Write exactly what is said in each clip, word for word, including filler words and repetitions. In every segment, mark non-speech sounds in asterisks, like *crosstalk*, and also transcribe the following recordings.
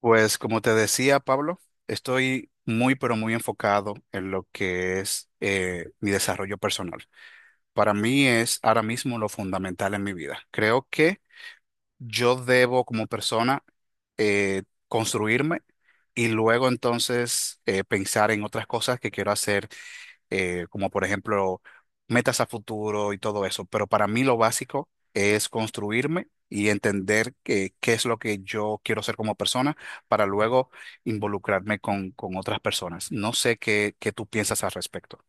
Pues como te decía, Pablo, estoy muy, pero muy enfocado en lo que es eh, mi desarrollo personal. Para mí es ahora mismo lo fundamental en mi vida. Creo que yo debo como persona eh, construirme y luego entonces eh, pensar en otras cosas que quiero hacer eh, como por ejemplo metas a futuro y todo eso. Pero para mí lo básico es construirme y entender que- qué es lo que yo quiero ser como persona para luego involucrarme con, con otras personas. No sé qué, qué tú piensas al respecto.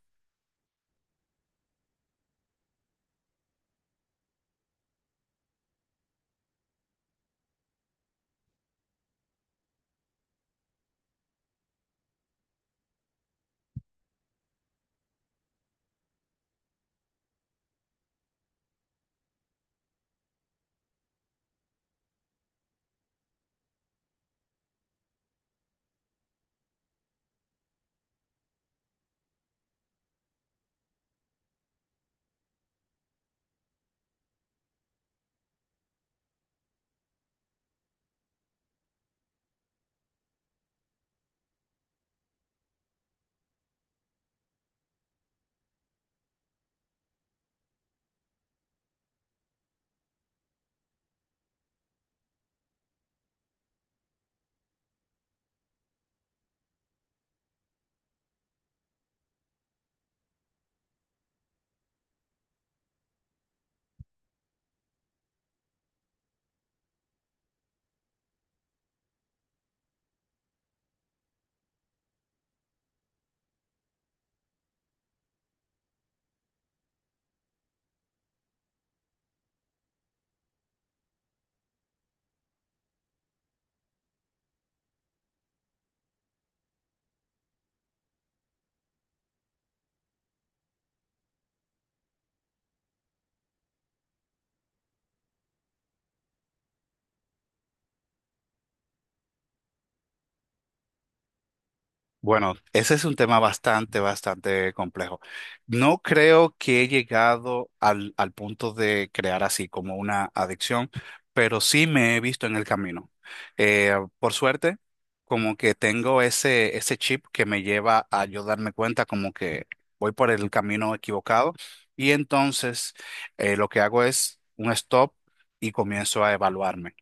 Bueno, ese es un tema bastante, bastante complejo. No creo que he llegado al, al punto de crear así como una adicción, pero sí me he visto en el camino. Eh, por suerte, como que tengo ese, ese chip que me lleva a yo darme cuenta como que voy por el camino equivocado y entonces eh, lo que hago es un stop y comienzo a evaluarme.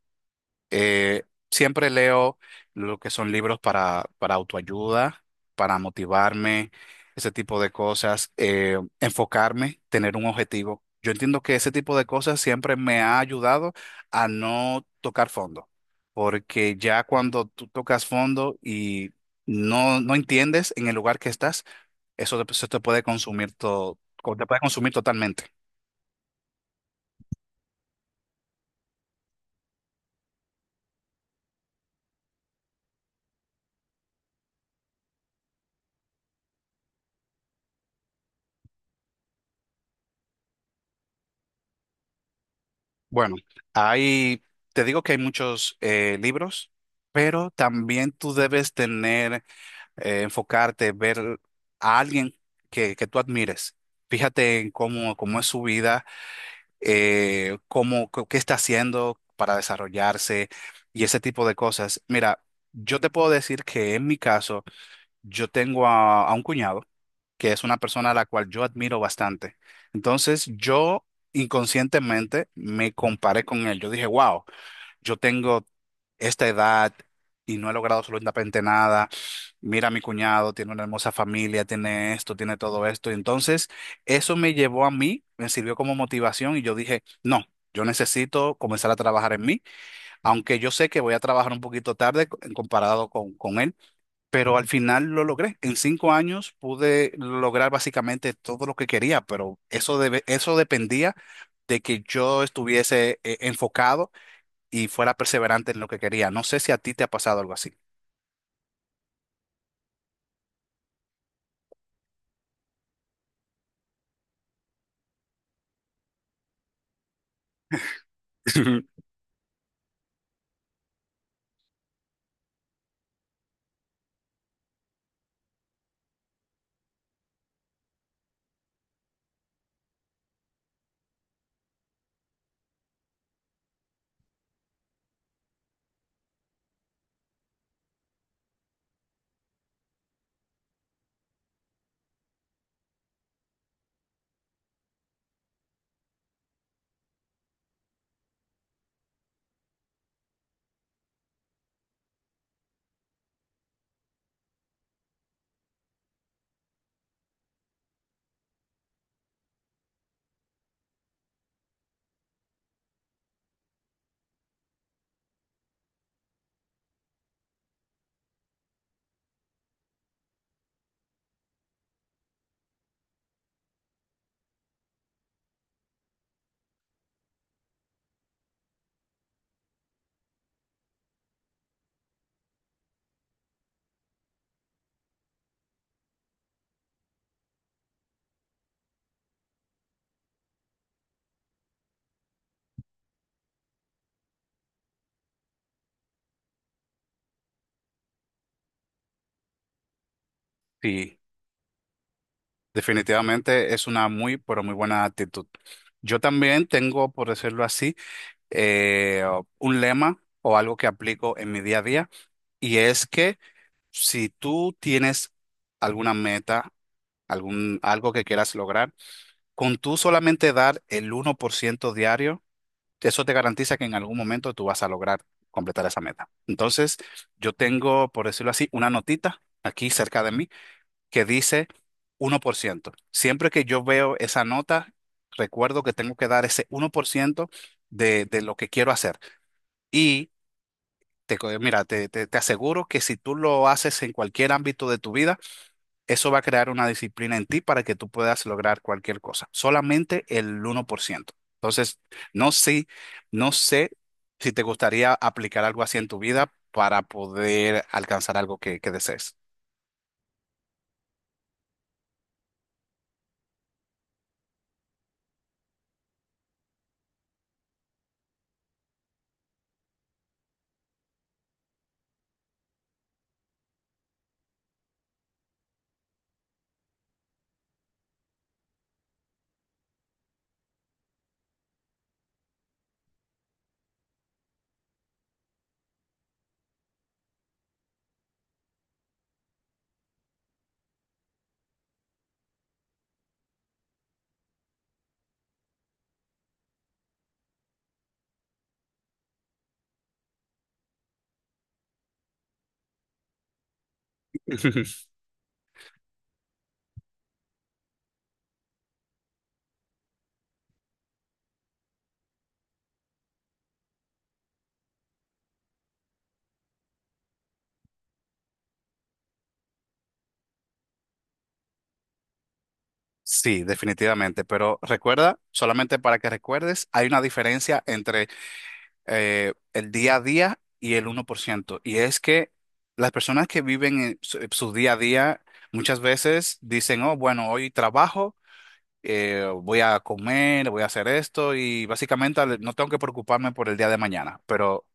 Eh, Siempre leo lo que son libros para, para autoayuda, para motivarme, ese tipo de cosas, eh, enfocarme, tener un objetivo. Yo entiendo que ese tipo de cosas siempre me ha ayudado a no tocar fondo, porque ya cuando tú tocas fondo y no, no entiendes en el lugar que estás, eso te, eso te puede consumir todo, te puede consumir totalmente. Bueno, hay, te digo que hay muchos eh, libros, pero también tú debes tener, eh, enfocarte, ver a alguien que, que tú admires. Fíjate en cómo, cómo es su vida, eh, cómo, co- qué está haciendo para desarrollarse y ese tipo de cosas. Mira, yo te puedo decir que en mi caso, yo tengo a a un cuñado que es una persona a la cual yo admiro bastante. Entonces, yo inconscientemente me comparé con él. Yo dije, wow, yo tengo esta edad y no he logrado absolutamente nada. Mira, mi cuñado tiene una hermosa familia, tiene esto, tiene todo esto. Y entonces, eso me llevó a mí, me sirvió como motivación y yo dije, no. Yo necesito comenzar a trabajar en mí, aunque yo sé que voy a trabajar un poquito tarde co- comparado con, con él, pero al final lo logré. En cinco años pude lograr básicamente todo lo que quería, pero eso debe- eso dependía de que yo estuviese eh, enfocado y fuera perseverante en lo que quería. No sé si a ti te ha pasado algo así. *laughs* Sí, definitivamente es una muy, pero muy buena actitud. Yo también tengo, por decirlo así, eh, un lema o algo que aplico en mi día a día, y es que si tú tienes alguna meta, algún, algo que quieras lograr, con tú solamente dar el uno por ciento diario, eso te garantiza que en algún momento tú vas a lograr completar esa meta. Entonces, yo tengo, por decirlo así, una notita aquí cerca de mí que dice uno por ciento. Siempre que yo veo esa nota, recuerdo que tengo que dar ese uno por ciento de, de lo que quiero hacer. Y te, co- mira, te, te te aseguro que si tú lo haces en cualquier ámbito de tu vida, eso va a crear una disciplina en ti para que tú puedas lograr cualquier cosa. Solamente el uno por ciento. Entonces, no sé, no sé si te gustaría aplicar algo así en tu vida para poder alcanzar algo que, que desees. *laughs* Sí, definitivamente, pero recuerda, solamente para que recuerdes, hay una diferencia entre eh, el día a día y el uno por ciento, y es que las personas que viven en su, su día a día muchas veces dicen, oh, bueno, hoy trabajo, eh, voy a comer, voy a hacer esto y básicamente al- no tengo que preocuparme por el día de mañana, pero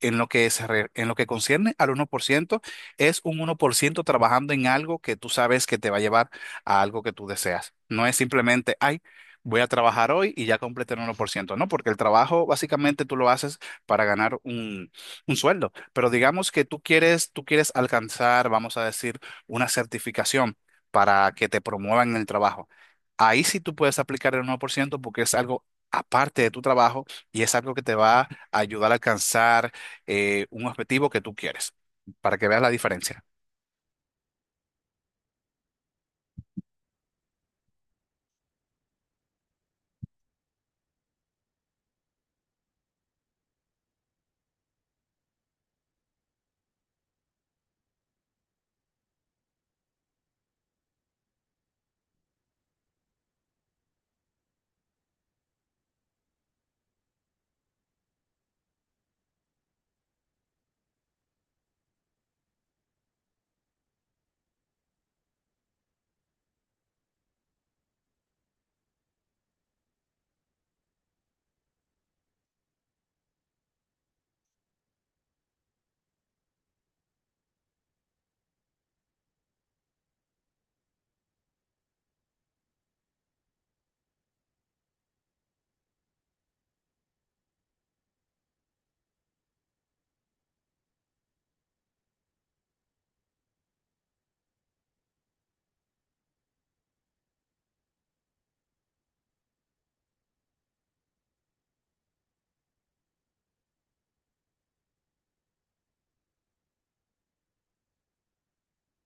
en lo que se re- en lo que concierne al uno por ciento es un uno por ciento trabajando en algo que tú sabes que te va a llevar a algo que tú deseas. No es simplemente, ay, voy a trabajar hoy y ya completé el uno por ciento, no, porque el trabajo básicamente tú lo haces para ganar un, un sueldo. Pero digamos que tú quieres, tú quieres, alcanzar, vamos a decir, una certificación para que te promuevan en el trabajo. Ahí sí tú puedes aplicar el uno por ciento porque es algo aparte de tu trabajo y es algo que te va a ayudar a alcanzar eh, un objetivo que tú quieres, para que veas la diferencia.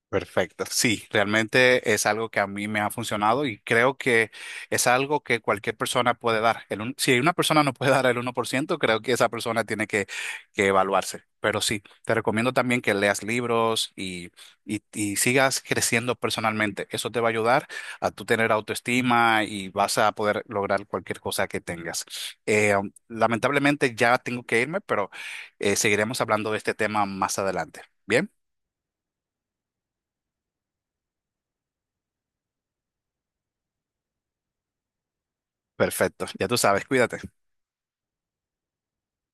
Perfecto. Sí, realmente es algo que a mí me ha funcionado y creo que es algo que cualquier persona puede dar. El un- si una persona no puede *laughs* dar el uno por ciento, creo que esa persona tiene que, que evaluarse. Pero sí, te recomiendo también que leas libros y, y, y sigas creciendo personalmente. Eso te va a ayudar a tú tener autoestima y vas a poder lograr cualquier cosa que tengas. Eh, um, lamentablemente ya tengo que irme, pero eh, seguiremos hablando de este tema más adelante. Bien, perfecto. Ya tú sabes, cuídate.